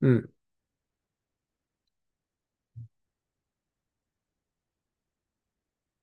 うん。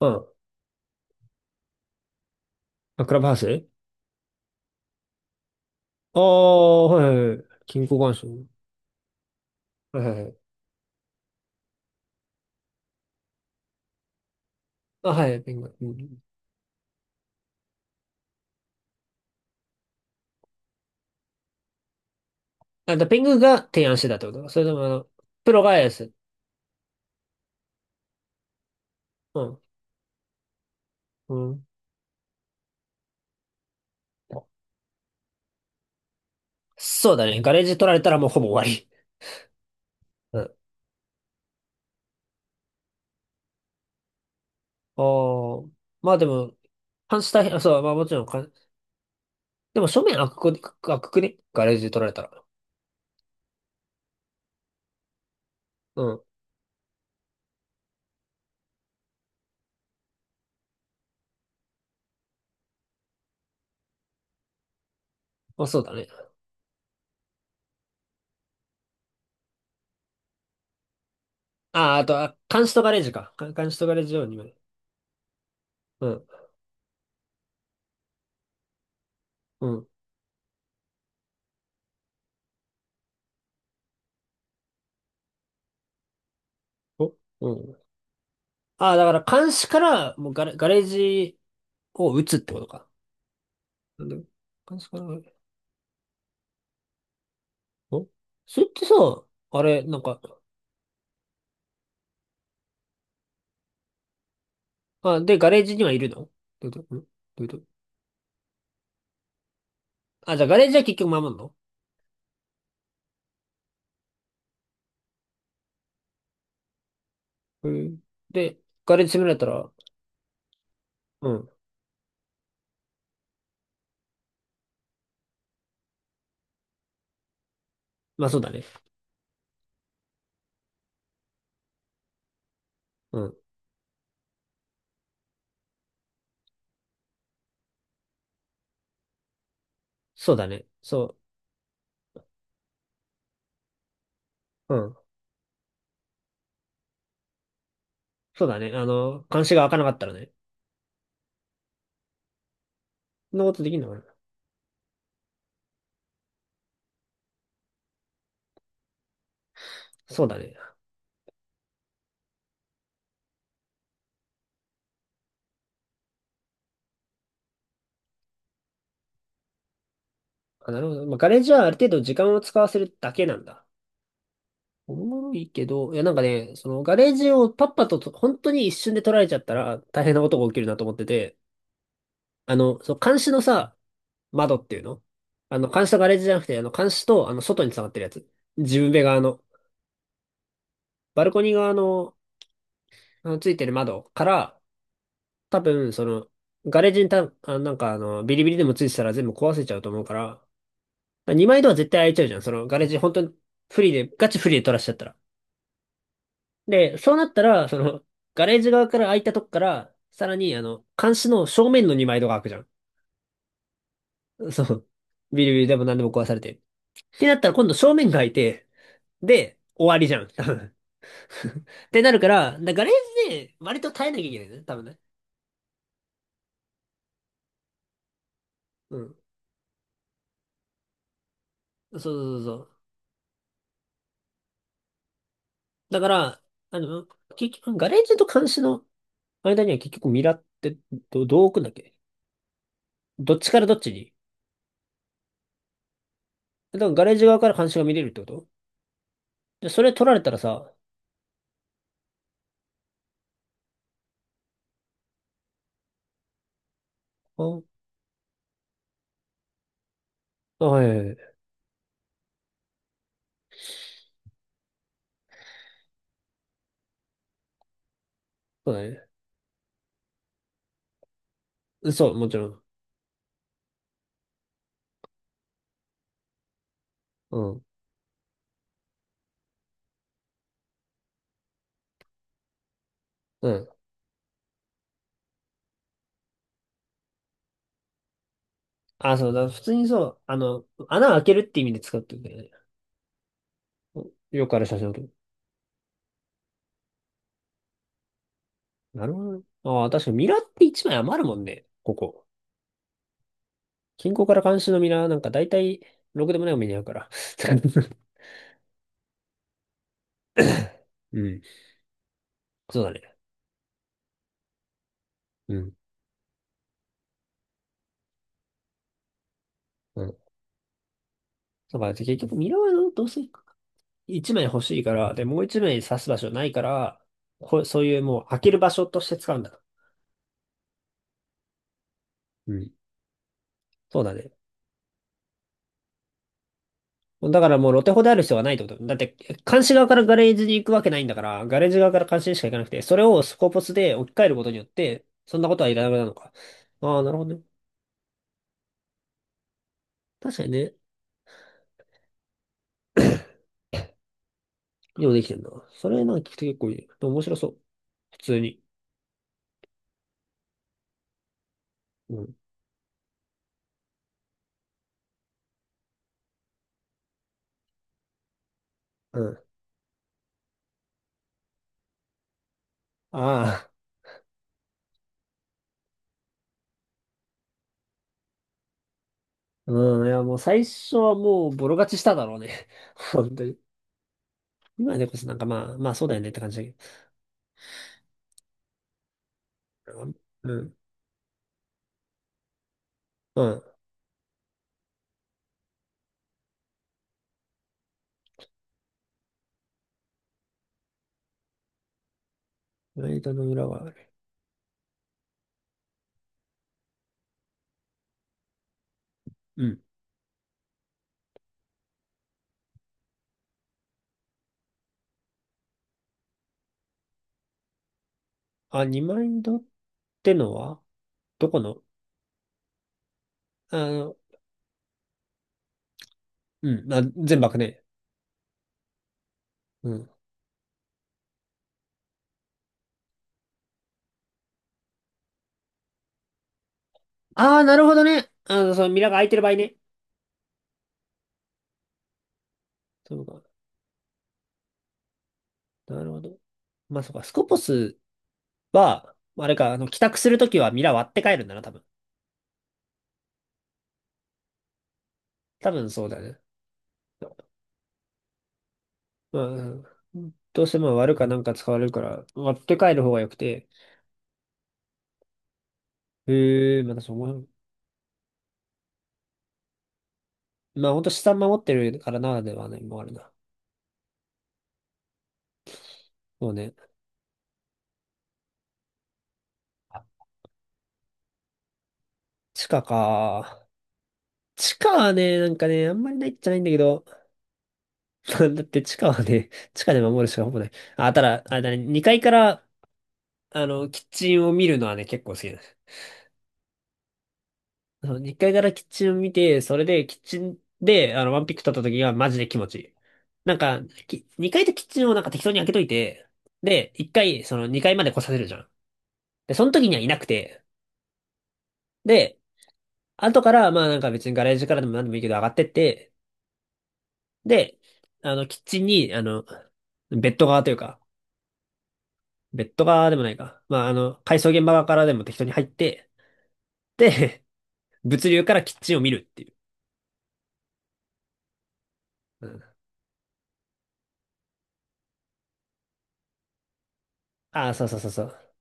あ、あ、クラブハウス。ああ、はいはいはい。金庫マンン。はいはいはい。あ、はい、ペング。うん。あ、だペングが提案してたってことか。それとも、プロがやす。うん。うん。そうだね。ガレージ取られたらもうほぼ終わり。うん。ああ。まあでも、半死大変、あ、そう、まあもちろんか、でも正面開くくねガレージ取られたら。うん。まあそうだね。ああ、あと、あ、監視とガレージか。監視とガレージを2枚。うん。うん。おうん。ああ、だから監視から、もうガレージを打つってことか。なんだろう。おれってさ、あれ、なんか、で、ガレージにはいるのどういうこと。あ、じゃあガレージは結局守んの？うん。で、ガレージ攻められたら、うん。まあそうだね。うん。そうだね。そう。うん。そうだね。監視が開かなかったらね。そんなことできんのかな？そうだね。あ、なるほど。まあ、ガレージはある程度時間を使わせるだけなんだ。おもろいけど、いやなんかね、そのガレージをパッパと、本当に一瞬で取られちゃったら大変なことが起きるなと思ってて、そう、監視のさ、窓っていうの。監視とガレージじゃなくて、監視と、外に繋がってるやつ。自分部側の、バルコニー側の、ついてる窓から、多分、その、ガレージになんか、ビリビリでもついてたら全部壊せちゃうと思うから、2枚ドア絶対開いちゃうじゃん。その、ガレージ、本当にフリーで、ガチフリーで取らしちゃったら。で、そうなったら、その、ガレージ側から開いたとこから、さらに、監視の正面の2枚ドアが開くじゃん。そう。ビリビリでも何でも壊されて。ってなったら、今度正面が開いて、で、終わりじゃん。多分。 ってなるから、ガレージで割と耐えなきゃいけないね。多分ね。うん。そうそうそう。だから、あの、結局、ガレージと監視の間には結局ミラーってどう置くんだっけ？どっちからどっちに？だからガレージ側から監視が見れるってことで、それ取られたらさ、あ、あ、はいはいはい、そうだね。うん。そう、もちろん。うん。うん。あ、そうだ。普通にそう、穴開けるって意味で使ってるんだよね。よくある写真のとなるほどね。ああ、確かにミラーって1枚余るもんね。ここ。近郊から監視のミラーなんか大体、ろくでもないお目に合うから。うん。そうだね。うん。うん。だから結局ミラーはどうせ1枚欲しいから、で、もう1枚刺す場所ないから、そういうもう開ける場所として使うんだ。うん。そうだね。だからもう露テホである必要はないってこと。だって、監視側からガレージに行くわけないんだから、ガレージ側から監視にしか行かなくて、それをスコーポスで置き換えることによって、そんなことはいらなくなるのか。ああ、なるほどね。確かにね。よできてんな。それなんか聞くと結構いい。でも面白そう。普通に。うん。うん。ああ。うん。いや、もう最初はもうボロ勝ちしただろうね。本当に。今でこそなんかまあ、まあそうだよねって感じだけど。うん。うん。マインドの裏はあれ。うん。あ、二マインドってのはどこの？あの、うん。あ、全幕ね。うん。ああ、なるほどね。そのミラーが空いてる場合ね。そうか。なるほど。まあそうか。スコポスは、あれか、帰宅するときはミラー割って帰るんだな、多分。多分そうだね。まあ、うん。どうしても割るかなんか使われるから、割って帰る方が良くて。へえ、またその、まあほんと資産守ってるからならではね、もうあるな。そうね。あ、地下か。地下はね、なんかね、あんまりないっちゃないんだけど、だって地下はね、地下で守るしかほぼない。あ、ただ、あれだね、2階から、キッチンを見るのはね、結構好きだね。その1階からキッチンを見て、それでキッチンで、ワンピック取った時がマジで気持ちいい。なんか、2階とキッチンをなんか適当に開けといて、で、1回、その2階まで来させるじゃん。で、その時にはいなくて、で、後から、まあなんか別にガレージからでも何でもいいけど上がってって、で、キッチンに、ベッド側というか、ベッド側でもないか。まあ改装現場側からでも適当に入って、で、物流からキッチンを見るっていう。うん、ああ、そうそうそうそう。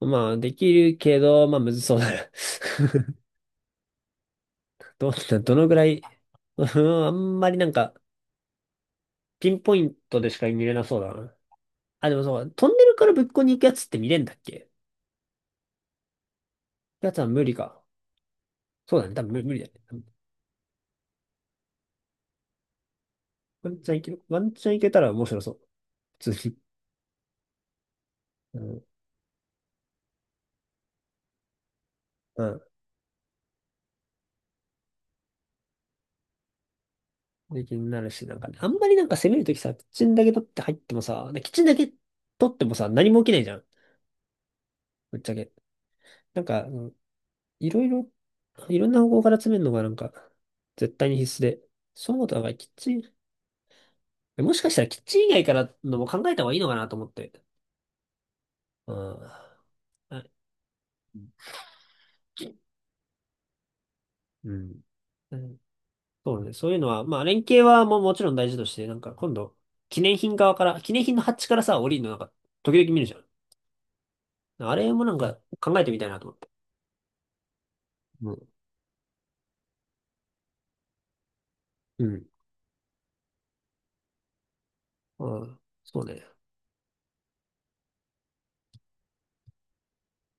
まあ、できるけど、まあ、むずそうだな。どうな、どのぐらい、うん。あんまりなんか、ピンポイントでしか見れなそうだな。あ、でもそう、トンネルからぶっこに行くやつって見れんだっけ？やつは無理か。そうだね、多分無理だね。ワンチャンいける、ワンチャンいけたら面白そう。普通に。うん、うん。で気になるし、なんかね、あんまりなんか攻めるときさ、キッチンだけ取って入ってもさ、キッチンだけ取ってもさ、何も起きないじゃん。ぶっちゃけ。なんか、うん。いろいろ、いろんな方向から詰めるのがなんか、絶対に必須で。そうだが、キッチン。もしかしたらキッチン以外からのも考えた方がいいのかなと思って。うん。あうん。うん。そうね。そういうのは、まあ、連携はもうもちろん大事として、なんか今度、記念品側から、記念品のハッチからさ、降りるのなんか、時々見るじゃん。あれもなんか考えてみたいなと思って。うん。うん。うん。そうね。